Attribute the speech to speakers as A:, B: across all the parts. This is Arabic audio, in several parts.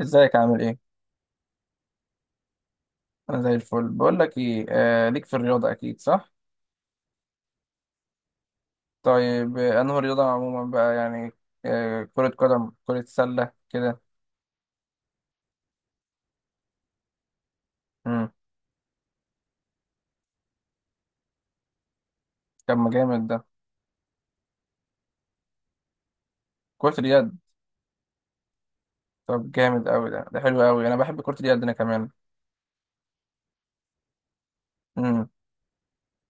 A: ازيك عامل ايه؟ انا زي الفل، بقول لك ايه آه ليك في الرياضة اكيد صح؟ طيب انه الرياضة عموما بقى يعني آه كرة قدم كرة سلة كده. امم. طب ما جامد ده. كرة اليد. طب جامد قوي ده، ده حلو قوي، انا بحب كرة اليد انا كمان. امم.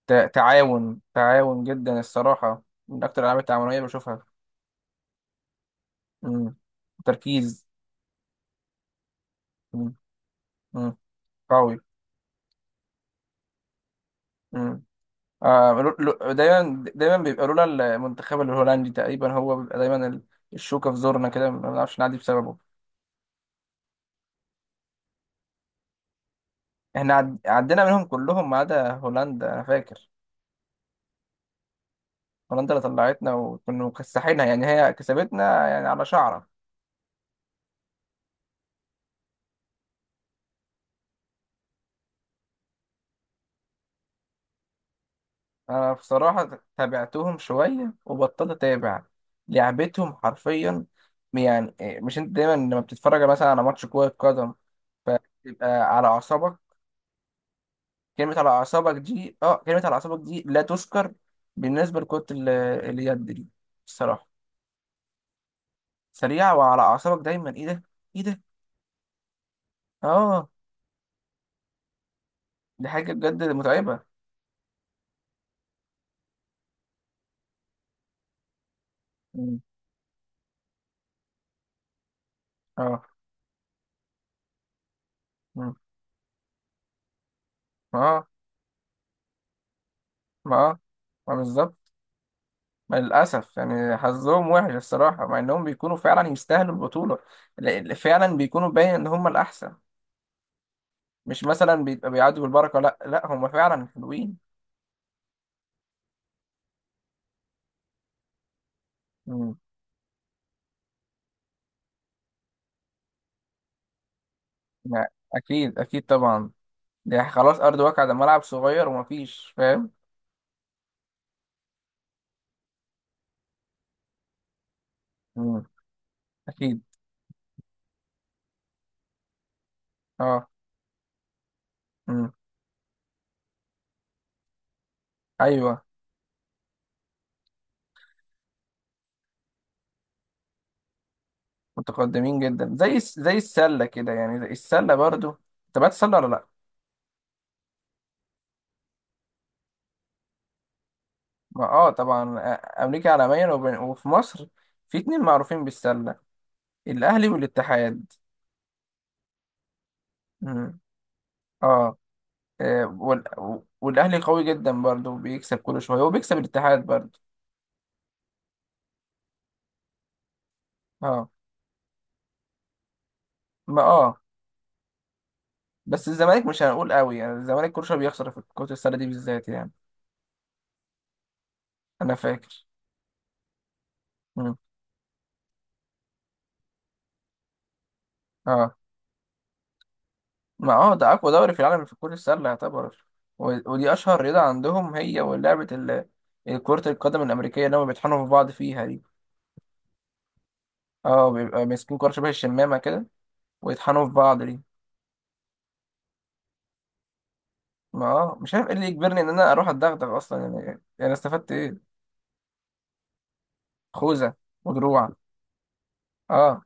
A: تعاون، تعاون جدا الصراحة، من اكتر الالعاب التعاونية بشوفها. امم. تركيز. امم. قوي. آه دايما، دايما بيبقى لولا المنتخب الهولندي تقريبا، هو بيبقى دايما الشوكة في زورنا كده، ما بنعرفش نعدي بسببه. احنا عدينا منهم كلهم ما عدا هولندا انا فاكر. هولندا اللي طلعتنا وكنا مكسحينها، يعني هي كسبتنا يعني على شعرة. انا بصراحة تابعتهم شوية وبطلت اتابع لعبتهم حرفيا. يعني إيه، مش انت دايما لما بتتفرج مثلا على ماتش كرة قدم فتبقى على أعصابك؟ كلمة على أعصابك دي، اه كلمة على أعصابك دي لا تذكر بالنسبة لكرة اليد دي الصراحة. سريعة وعلى أعصابك دايما، ايه ده؟ ايه ده؟ اه، دي حاجة بجد متعبة. مم. اه. مم. اه. ما اه، ما بالظبط. ما للأسف يعني حظهم وحش الصراحة، مع إنهم بيكونوا فعلا يستاهلوا البطولة. فعلا بيكونوا باين إن هم الأحسن، مش مثلا بيبقى بيعدوا بالبركة، لا لا هم فعلا حلوين. مم. لا، أكيد أكيد طبعا. دي خلاص ارض واقع، ده ملعب صغير ومفيش فاهم. مم. اكيد. اه. مم. ايوه. متقدمين جدا زي زي السله كده يعني، زي السله برضو. تبعت السله ولا لا؟ ما اه طبعا، آه، امريكا عالميا وفي مصر في اتنين معروفين بالسله، الاهلي والاتحاد. مم. اه. آه، والاهلي قوي جدا برضو بيكسب كل شويه، وبيكسب الاتحاد برضو. اه. ما اه. بس الزمالك مش هنقول قوي يعني، الزمالك كل شويه بيخسر في كرة السله دي بالذات يعني. انا فاكر. اه، ما اه ده اقوى دوري في العالم في كرة السلة يعتبر. ودي اشهر رياضة عندهم هي، ولعبة كرة القدم الامريكية اللي هم بيطحنوا في بعض فيها دي. اه بيبقى ماسكين كرة شبه الشمامة كده، ويطحنوا في بعض دي. ما اه، مش عارف ايه اللي يجبرني ان انا اروح اتدغدغ اصلا يعني، يعني استفدت ايه؟ خوذة. ودروع. اه.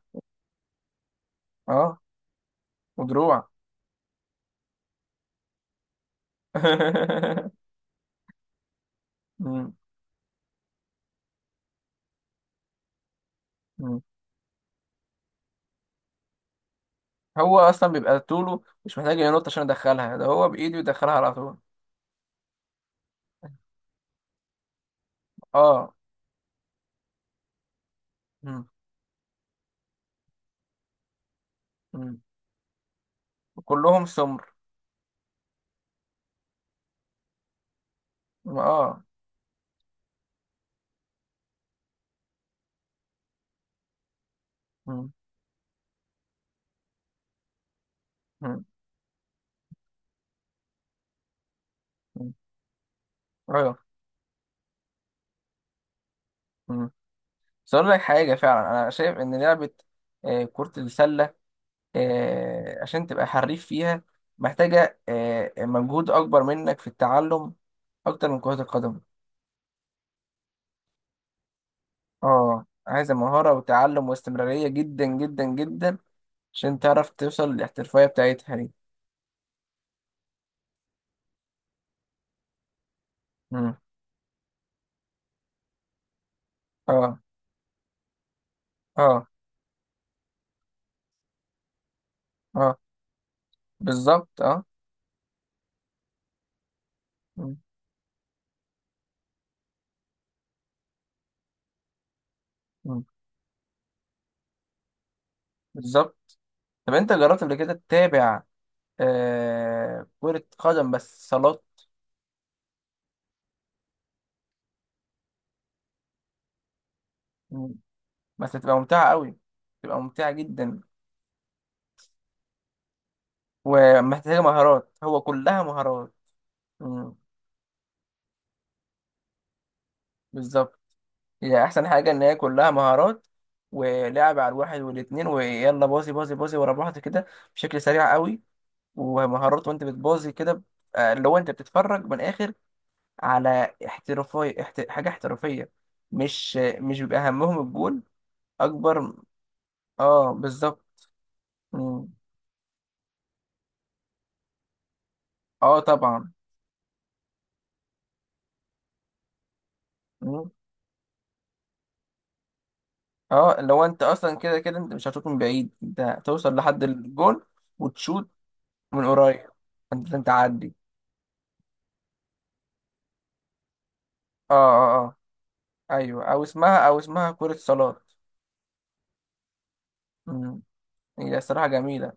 A: اه. ودروع. مم. مم. هو اصلا بيبقى طوله مش محتاج ينط عشان يدخلها، ده هو بايده يدخلها على طول. اه. مم. مم. كلهم سمر. اه. مم. مم. مم. ايوه. مم. بس اقول لك حاجه فعلا، انا شايف ان لعبه آه، كره السله، آه، عشان تبقى حريف فيها محتاجه آه، مجهود اكبر منك في التعلم اكتر من كره القدم. اه عايزه مهاره وتعلم واستمراريه جدا جدا جدا عشان تعرف توصل للاحترافيه بتاعتها دي. مم. اه. اه. اه. بالظبط. اه. مم. مم. بالظبط. طب انت جربت قبل كده تتابع آه كرة قدم بس صالات؟ مم. بس هتبقى ممتعة قوي، تبقى ممتعة جدا ومحتاجة مهارات، هو كلها مهارات. مم. بالظبط. هي أحسن حاجة إن هي كلها مهارات، ولعب على الواحد والاتنين، ويلا باظي باظي باظي ورا بعض كده بشكل سريع قوي. ومهارات وأنت بتباظي كده، آه، اللي هو أنت بتتفرج من الآخر على احترافية، حاجة احترافية، مش بيبقى همهم الجول. أكبر. اه بالظبط. مم. اه طبعا. مم. اه لو انت اصلا كده كده انت مش هتشوط من بعيد، انت هتوصل لحد الجول وتشوط من قريب. انت انت عدي. اه. اه. اه. ايوه، او اسمها كرة صالات. مم. هي الصراحة جميلة.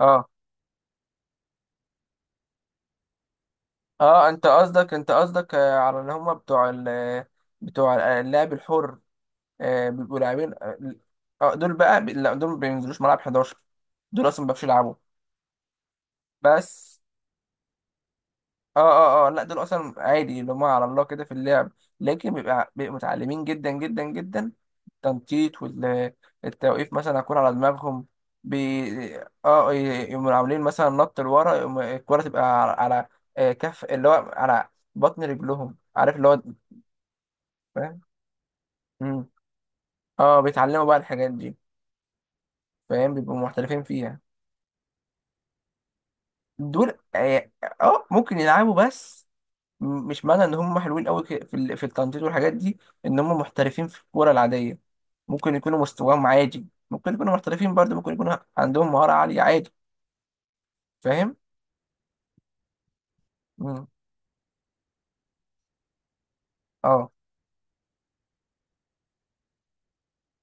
A: اه. اه انت قصدك آه، على اللي هم بتوع ال، بتوع اللعب الحر، آه، بيبقوا لاعبين. اه دول بقى لا دول ما بينزلوش ملعب 11. دول اصلا ما بيعرفوش يلعبوا بس. اه اه اه، لا دول اصلا عادي اللي هم على الله كده في اللعب، لكن بيبقى متعلمين جدا جدا جدا. التنطيط والتوقيف مثلا هكون على دماغهم. بي... اه يقوموا عاملين مثلا نط لورا، يقوم الكرة تبقى على، على آه، كف اللي هو على بطن رجلهم، عارف اللي هو؟ فاهم. مم. اه بيتعلموا بقى الحاجات دي. فاهم بيبقوا محترفين فيها. دول اه، آه، ممكن يلعبوا بس، مش معنى ان هم حلوين قوي في في التنطيط والحاجات دي ان هم محترفين في الكوره العاديه. ممكن يكونوا مستواهم عادي، ممكن يكونوا محترفين برضه، ممكن يكونوا عندهم مهاره عاليه عادي. فاهم. م. اه.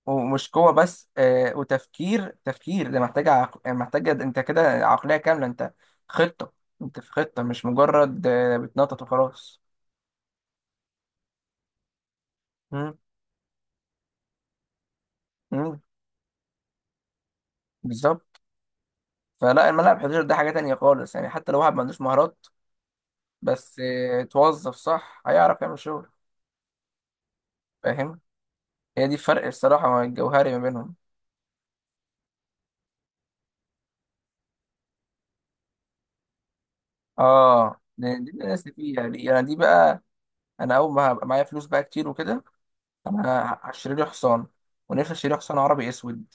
A: ومش قوه بس آه، وتفكير، تفكير ده محتاج محتاجه انت كده عقليه كامله، انت خطه، انت في خطه مش مجرد آه بتنطط وخلاص. م. م. بالظبط. فلا الملعب 11 ده حاجه تانية خالص يعني، حتى لو واحد ما عندوش مهارات بس آه، توظف صح هيعرف يعمل شغل. فاهم. هي دي الفرق الصراحة، ما الجوهري ما بينهم. اه دي دي اللي الناس اللي فيها دي يعني، دي بقى انا اول ما هبقى معايا فلوس بقى كتير وكده انا هشتري لي حصان، ونفسي اشتري حصان عربي اسود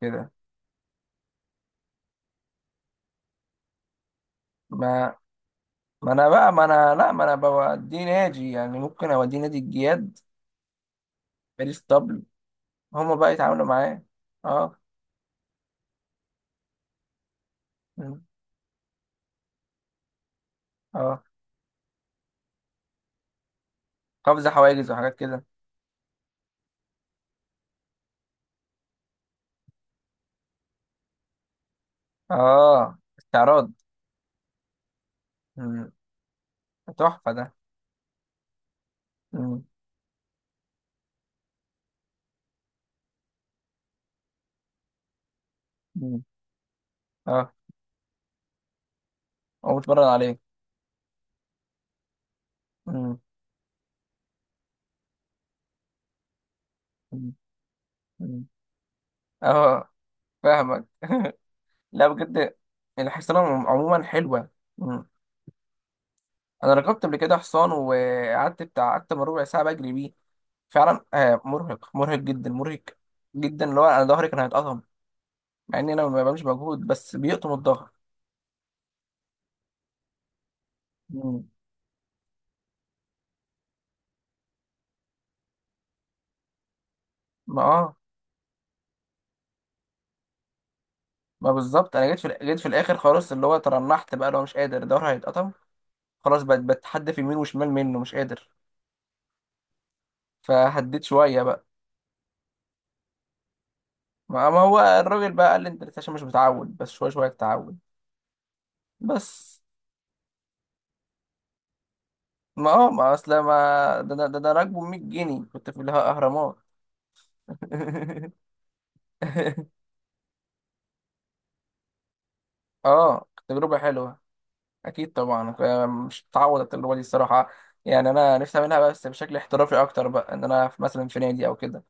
A: كده. ما ما انا بقى، ما انا لا، ما انا بوديه نادي يعني، ممكن اوديه نادي الجياد، باريس طبل، هما بقى يتعاملوا معاه. اه. مم. اه. قفز حواجز وحاجات كده. اه استعراض. مم. تحفة ده. مم. مم. اه هو متمرن عليه. مم. مم. اه فاهمك. لا بجد الحصانة عموما حلوة. مم. انا ركبت قبل كده حصان وقعدت بتاع اكتر من ربع ساعة بجري بيه، فعلا آه، مرهق، مرهق جدا، مرهق جدا، اللي هو انا ظهري كان هيتقطم مع اني انا ما بعملش مجهود، بس بيقطم الظهر. مم. ما اه، ما بالظبط، انا جيت في جيت في الاخر خلاص، اللي هو ترنحت بقى، لو مش قادر ظهري هيتقطم خلاص، بقت بتحدى في يمين وشمال، منه مش قادر، فهديت شوية بقى. ما ما هو الراجل بقى قال لي انت لسه عشان مش متعود، بس شوية شوية تتعود. بس ما اه، ما اصل ما ده انا، ده انا راكبه ب 100 جنيه كنت في الاهرامات. اه تجربه حلوه، اكيد طبعا، ف- مش هتعوض التجربه دي الصراحه، يعني انا نفسي اعملها بقى بس بشكل احترافي اكتر بقى، ان انا في مثلا في نادي او كده.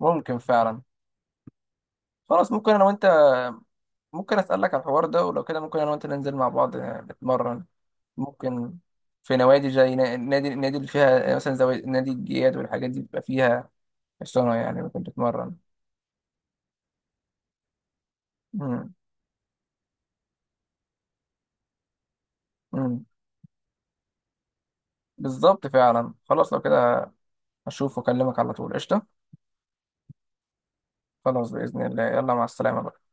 A: ممكن فعلا، خلاص ممكن انا وانت، ممكن اسالك على الحوار ده؟ ولو كده ممكن انا وانت ننزل مع بعض آه، نتمرن. ممكن. في نوادي زي نادي، النادي اللي فيها آه، مثلا زي نادي الجياد والحاجات دي، بيبقى فيها حصانه يعني ممكن تتمرن. مم. مم. بالظبط فعلا، خلاص لو كده هشوف واكلمك على طول، قشطة. خلاص بإذن الله، يلا مع السلامة بقى.